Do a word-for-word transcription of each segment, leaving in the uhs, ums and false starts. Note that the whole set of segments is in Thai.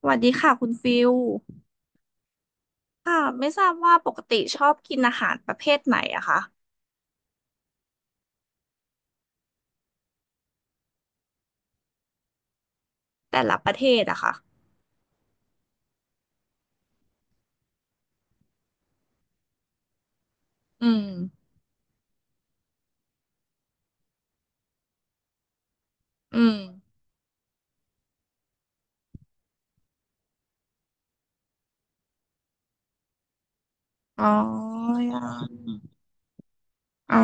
สวัสดีค่ะคุณฟิลค่ะไม่ทราบว่าปกติชอบกินอาหารประเภทไหนอะคะแต่ละประเทศอะค่ะอืมอืมอ๋ออ๋อ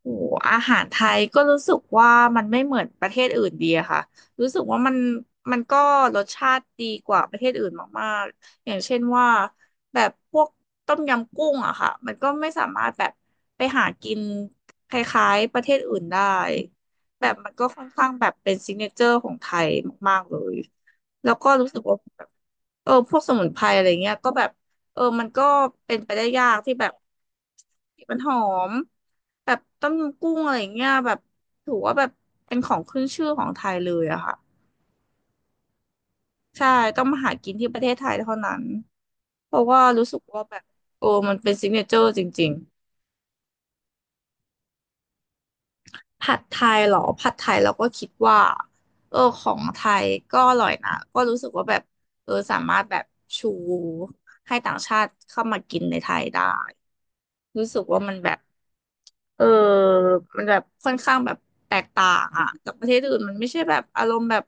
โอ้อาหารไทยก็รู้สึกว่ามันไม่เหมือนประเทศอื่นดีอะค่ะรู้สึกว่ามันมันก็รสชาติดีกว่าประเทศอื่นมากๆ อย่างเช่นว่าแบบพวกต้มยำกุ้งอะค่ะมันก็ไม่สามารถแบบไปหากินคล้ายๆประเทศอื่นได้แบบมันก็ค่อนข้างแบบเป็นซิกเนเจอร์ของไทยมากๆเลยแล้วก็รู้สึกว่าแบบเออพวกสมุนไพรอะไรเงี้ยก็แบบ เออมันก็เป็นไปได้ยากที่แบบมันหอมแบบต้มยำกุ้งอะไรอย่างเงี้ยแบบถือว่าแบบเป็นของขึ้นชื่อของไทยเลยอะค่ะใช่ต้องมาหากินที่ประเทศไทยเท่านั้นเพราะว่ารู้สึกว่าแบบโอ้มันเป็นซิกเนเจอร์จริงๆผัดไทยเหรอผัดไทยเราก็คิดว่าเออของไทยก็อร่อยนะก็รู้สึกว่าแบบเออสามารถแบบชูให้ต่างชาติเข้ามากินในไทยได้รู้สึกว่ามันแบบ เออมันแบบค่อนข้างแบบแตกต่างอ่ะกับประเทศอื่นมันไม่ใช่แบบอารมณ์แบบ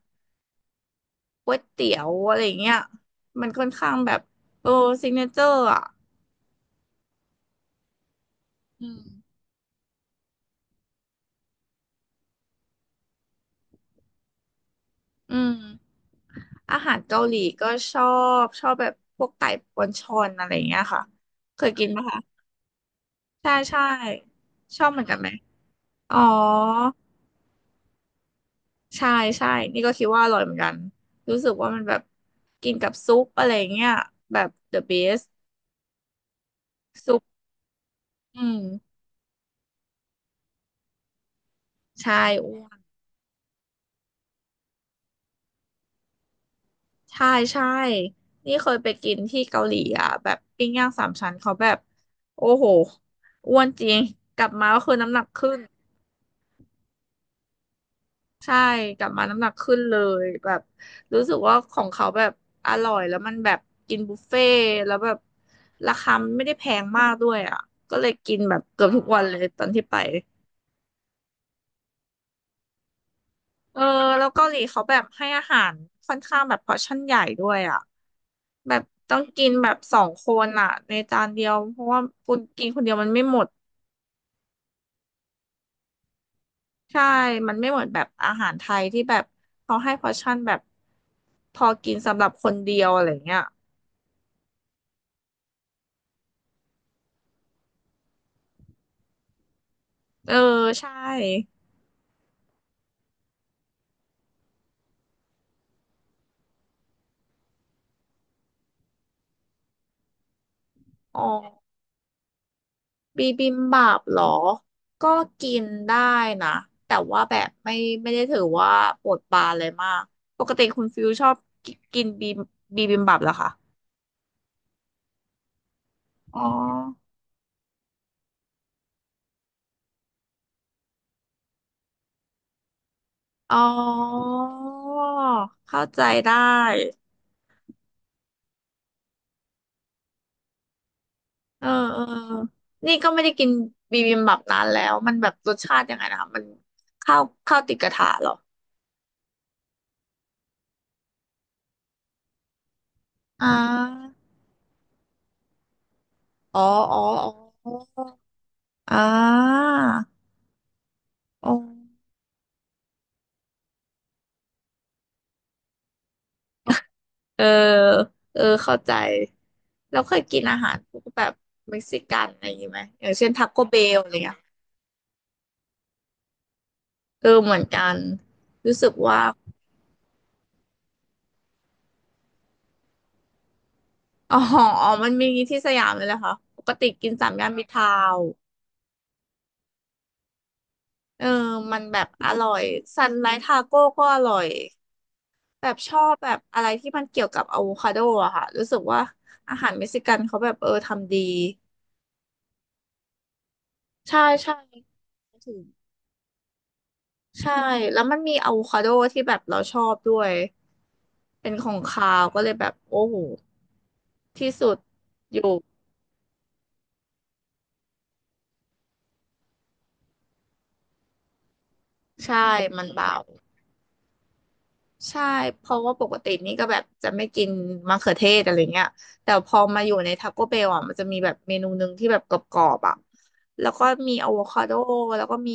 ก๋วยเตี๋ยวอะไรอย่างเงี้ยมันค่อนข้างแบบโอ้ซิกเนเจอร์อ่ะอืมอืมอาหารเกาหลีก็ชอบชอบแบบพวกไก่ปอนชอนอะไรอย่างเงี้ยค่ะเคยกินไหมคะใช่ใช่ชอบเหมือนกันไหมอ๋อใช่ใช่นี่ก็คิดว่าอร่อยเหมือนกันรู้สึกว่ามันแบบกินกับซุปอะไรอย่างเงี้ยแบบ the best ซุปอืมใช่ ใช่ใช่นี่เคยไปกินที่เกาหลีอ่ะแบบปิ้งย่างสามชั้นเขาแบบโอ้โหอ้วนจริงกลับมาก็คือน้ำหนักขึ้นใช่กลับมาน้ำหนักขึ้นเลยแบบรู้สึกว่าของเขาแบบอร่อยแล้วมันแบบกินบุฟเฟ่ต์แล้วแบบราคามไม่ได้แพงมากด้วยอ่ะก็เลยกินแบบเกือบทุกวันเลยตอนที่ไปเออแล้วเกาหลีเขาแบบให้อาหารค่อนข้างแบบพอร์ชั่นใหญ่ด้วยอ่ะ แบบต้องกินแบบสองคนอ่ะในจานเดียวเพราะว่าคุณกินคนเดียวมันไม่หมดใช่มันไม่เหมือนแบบอาหารไทยที่แบบเขาให้พอร์ชั่นแบบพอกินสำหรับคนเดียวอะไรเงี้ยเออใช่อ๋อบีบิมบับเหรอก็กินได้นะแต่ว่าแบบไม่ไม่ได้ถือว่าปวดปานเลยมากปกติคุณฟิวชอบกิกินบีบีบิมบับเหรอคะอ๋ออ๋อเข้าใจได้ เออเออนี่ก็ไม่ได้กินบิบิมบับนานแล้วมันแบบรสชาติยังไงนะมันข้าวข้าวติดกระทะเหรออ่าอ๋ออ๋ออ๋ออ่าอ๋อเออเออเข้าใจแล้วเคยกินอาหารพวกแบบเม็กซิกันอะไรอย่างงี้ไหมอย่างเช่นทกโกเบลอะไรเงี้ยเออเหมือนกันรู้สึกว่าอ๋ออ๋อมันมีที่สยามเลยเหรอคะปกติกินสามย่านมิตรทาวน์เออมันแบบอร่อยซันไลท์ทาโก้ก็อร่อย แบบชอบแบบอะไรที่มันเกี่ยวกับอะโวคาโดอะค่ะรู้สึกว่าอาหารเม็กซิกันเขาแบบเออทำดีใช่ใช่ถึงใช่แล้วมันมีอะโวคาโดที่แบบเราชอบด้วยเป็นของคาวก็เลยแบบโอ้โหที่สุดอยู่ใช่มันเบา ใช่เพราะว่าปกตินี่ก็แบบจะไม่กินมะเขือเทศอะไรเงี้ยแต่พอมาอยู่ในท a c โกเบลอ่ะมันจะมีแบบเมนูหนึ่งที่แบบกรอบๆอ่ะแล้วก็มีอะโวคาโดแล้วก็มี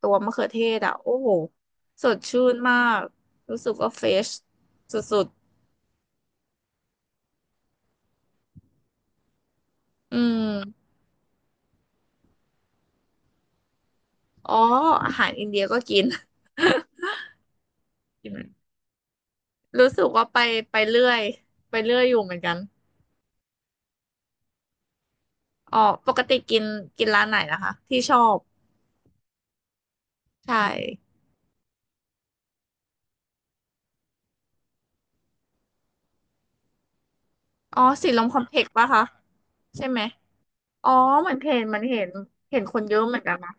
ตัวมะเขือเทศอ่ะโอ้โหสดชื่นมากรู้สึกว่าเฟชสุดๆอืมอ๋ออาหารอินเดียก็กิน รู้สึกว่าไปไปเรื่อยไปเรื่อยอยู่เหมือนกันอ๋อปกติกินกินร้านไหนนะคะที่ชอบใช่อ๋อสีลมคอมเพล็กซ์ป่ะคะใช่ไหม อ๋อเหมือนเห็นเหมันเห็นเห็นคนเยอะเหมือนกันนะ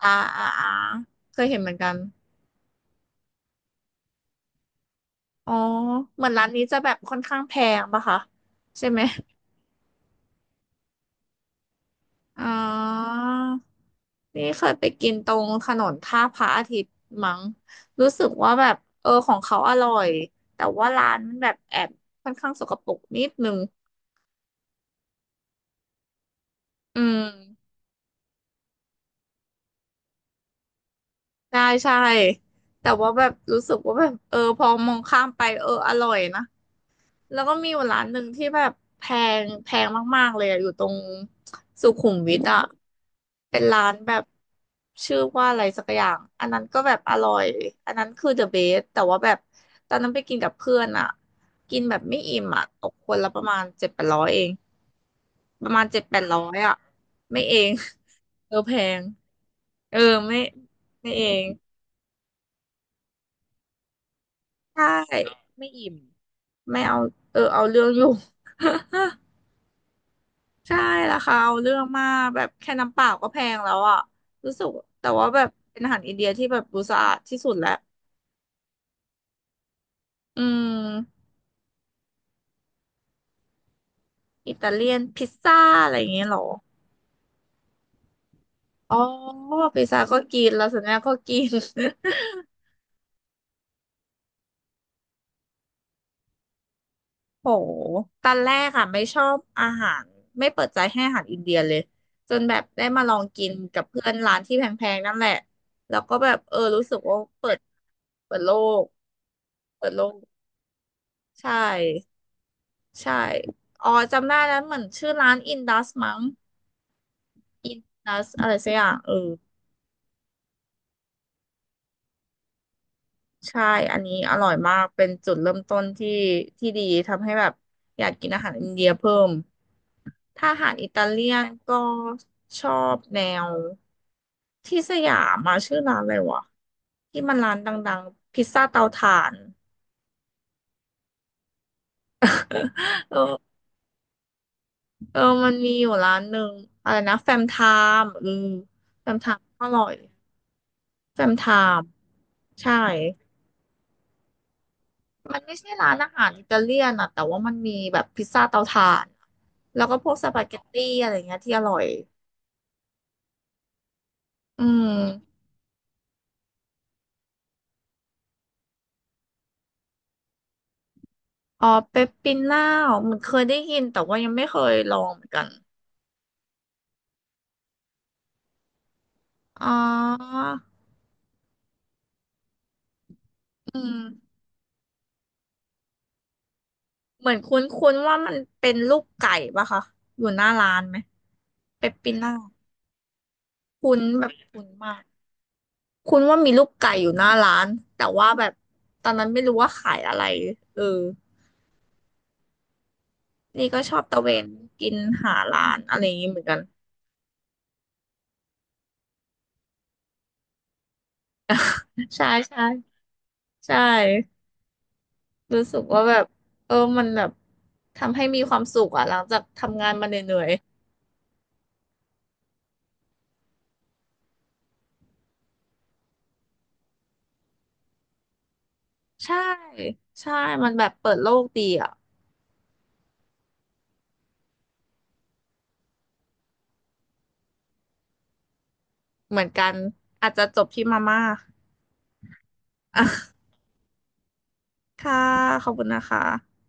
อ่าอ่าอ่าเคยเห็นเหมือนกันอ๋อเหมือนร้านนี้จะแบบค่อนข้างแพงปะคะใช่ไหมอ๋อนี่เคยไปกินตรงถนนท่าพระอาทิตย์มั้งรู้สึกว่าแบบเออของเขาอร่อยแต่ว่าร้านมันแบบแอบค่อนข้างสกปรกนิดนึงอืมใช่ใช่แต่ว่าแบบรู้สึกว่าแบบเออพอมองข้ามไปเอออร่อยนะ แล้วก็มีอยู่ร้านหนึ่งที่แบบแพงแพงมากๆเลยอะอยู่ตรงสุขุมวิทอ่ะเป็นร้านแบบชื่อว่าอะไรสักอย่างอันนั้นก็แบบอร่อยอันนั้นคือ the best แต่ว่าแบบตอนนั้นไปกินกับเพื่อนอ่ะกินแบบไม่อิ่มอ่ะตกคนละประมาณเจ็ดแปดร้อยเองประมาณเจ็ดแปดร้อยอ่ะไม่เอง เออแพงเออไม่ไม่เองใช่ไม่ไม่เอาเออเอาเรื่องอยู่ ใช่ราคาเอาเรื่องมากแบบแค่น้ำเปล่าก็แพงแล้วอ่ะรู้สึกแต่ว่าแบบเป็นอาหารอินเดียที่แบบดูสะอาดที่สุดแล้วอืมอิตาเลียนพิซซ่าอะไรอย่างเงี้ยเหรออ๋อพิซซ่าก็กินลาซานญ่าก็กิน โหตอนแรกอ่ะไม่ชอบอาหารไม่เปิดใจให้อาหารอินเดียเลยจนแบบได้มาลองกินกับเพื่อนร้านที่แพงๆนั่นแหละแล้วก็แบบเออรู้สึกว่าเปิดเปิดโลกเปิดโลกใช่ ใช่อ๋อจำได้แล้วเหมือนชื่อร้านอินดัสมั้งอินดัสอะไรสักอย่างเออใช่อันนี้อร่อยมากเป็นจุดเริ่มต้นที่ที่ดีทำให้แบบอยากกินอาหารอินเดียเพิ่มถ้าอาหารอิตาเลียนก็ชอบแนวที่สยามมาชื่อร้านอะไรวะที่มันร้านดังๆพิซซ่าเตาถ่าน เออเออมันมีอยู่ร้านหนึ่งอะไรนะแฟมไทม์อืมแฟมไทม์อร่อยแฟมไทม์ใช่ มันไม่ใช่ร้านอาหารอิตาเลียนอะแต่ว่ามันมีแบบพิซซ่าเตาถ่านแล้วก็พวกสปาเกตตี้อะไรเงี้ยที่อร่อยอืมอ๋อเปปปิน่าเหมือนเคยได้ยินแต่ว่ายังไม่เคยลองเหมือนกันอ๋ออืมเหมือนคุ้นๆว่ามันเป็นลูกไก่ปะคะอยู่หน้าร้านไหมเปปปิน่าคุ้นแบบคุ้นมากคุ้นว่ามีลูกไก่อยู่หน้าร้านแต่ว่าแบบตอนนั้นไม่รู้ว่าขายอะไรเออ นี่ก็ชอบตะเวนกินหาร้านอะไรอย่างนี้เหมือนกัน ใช่ใช่ใช่รู้สึกว่าแบบเออมันแบบทำให้มีความสุขอ่ะหลังจากทำงานมาเหนื่อยๆใช่ใช่มันแบบเปิดโลกดีอ่ะเหมือนกันอาจจะจบที่มาม่า อ่ะค่ะขอบคุณนะคะ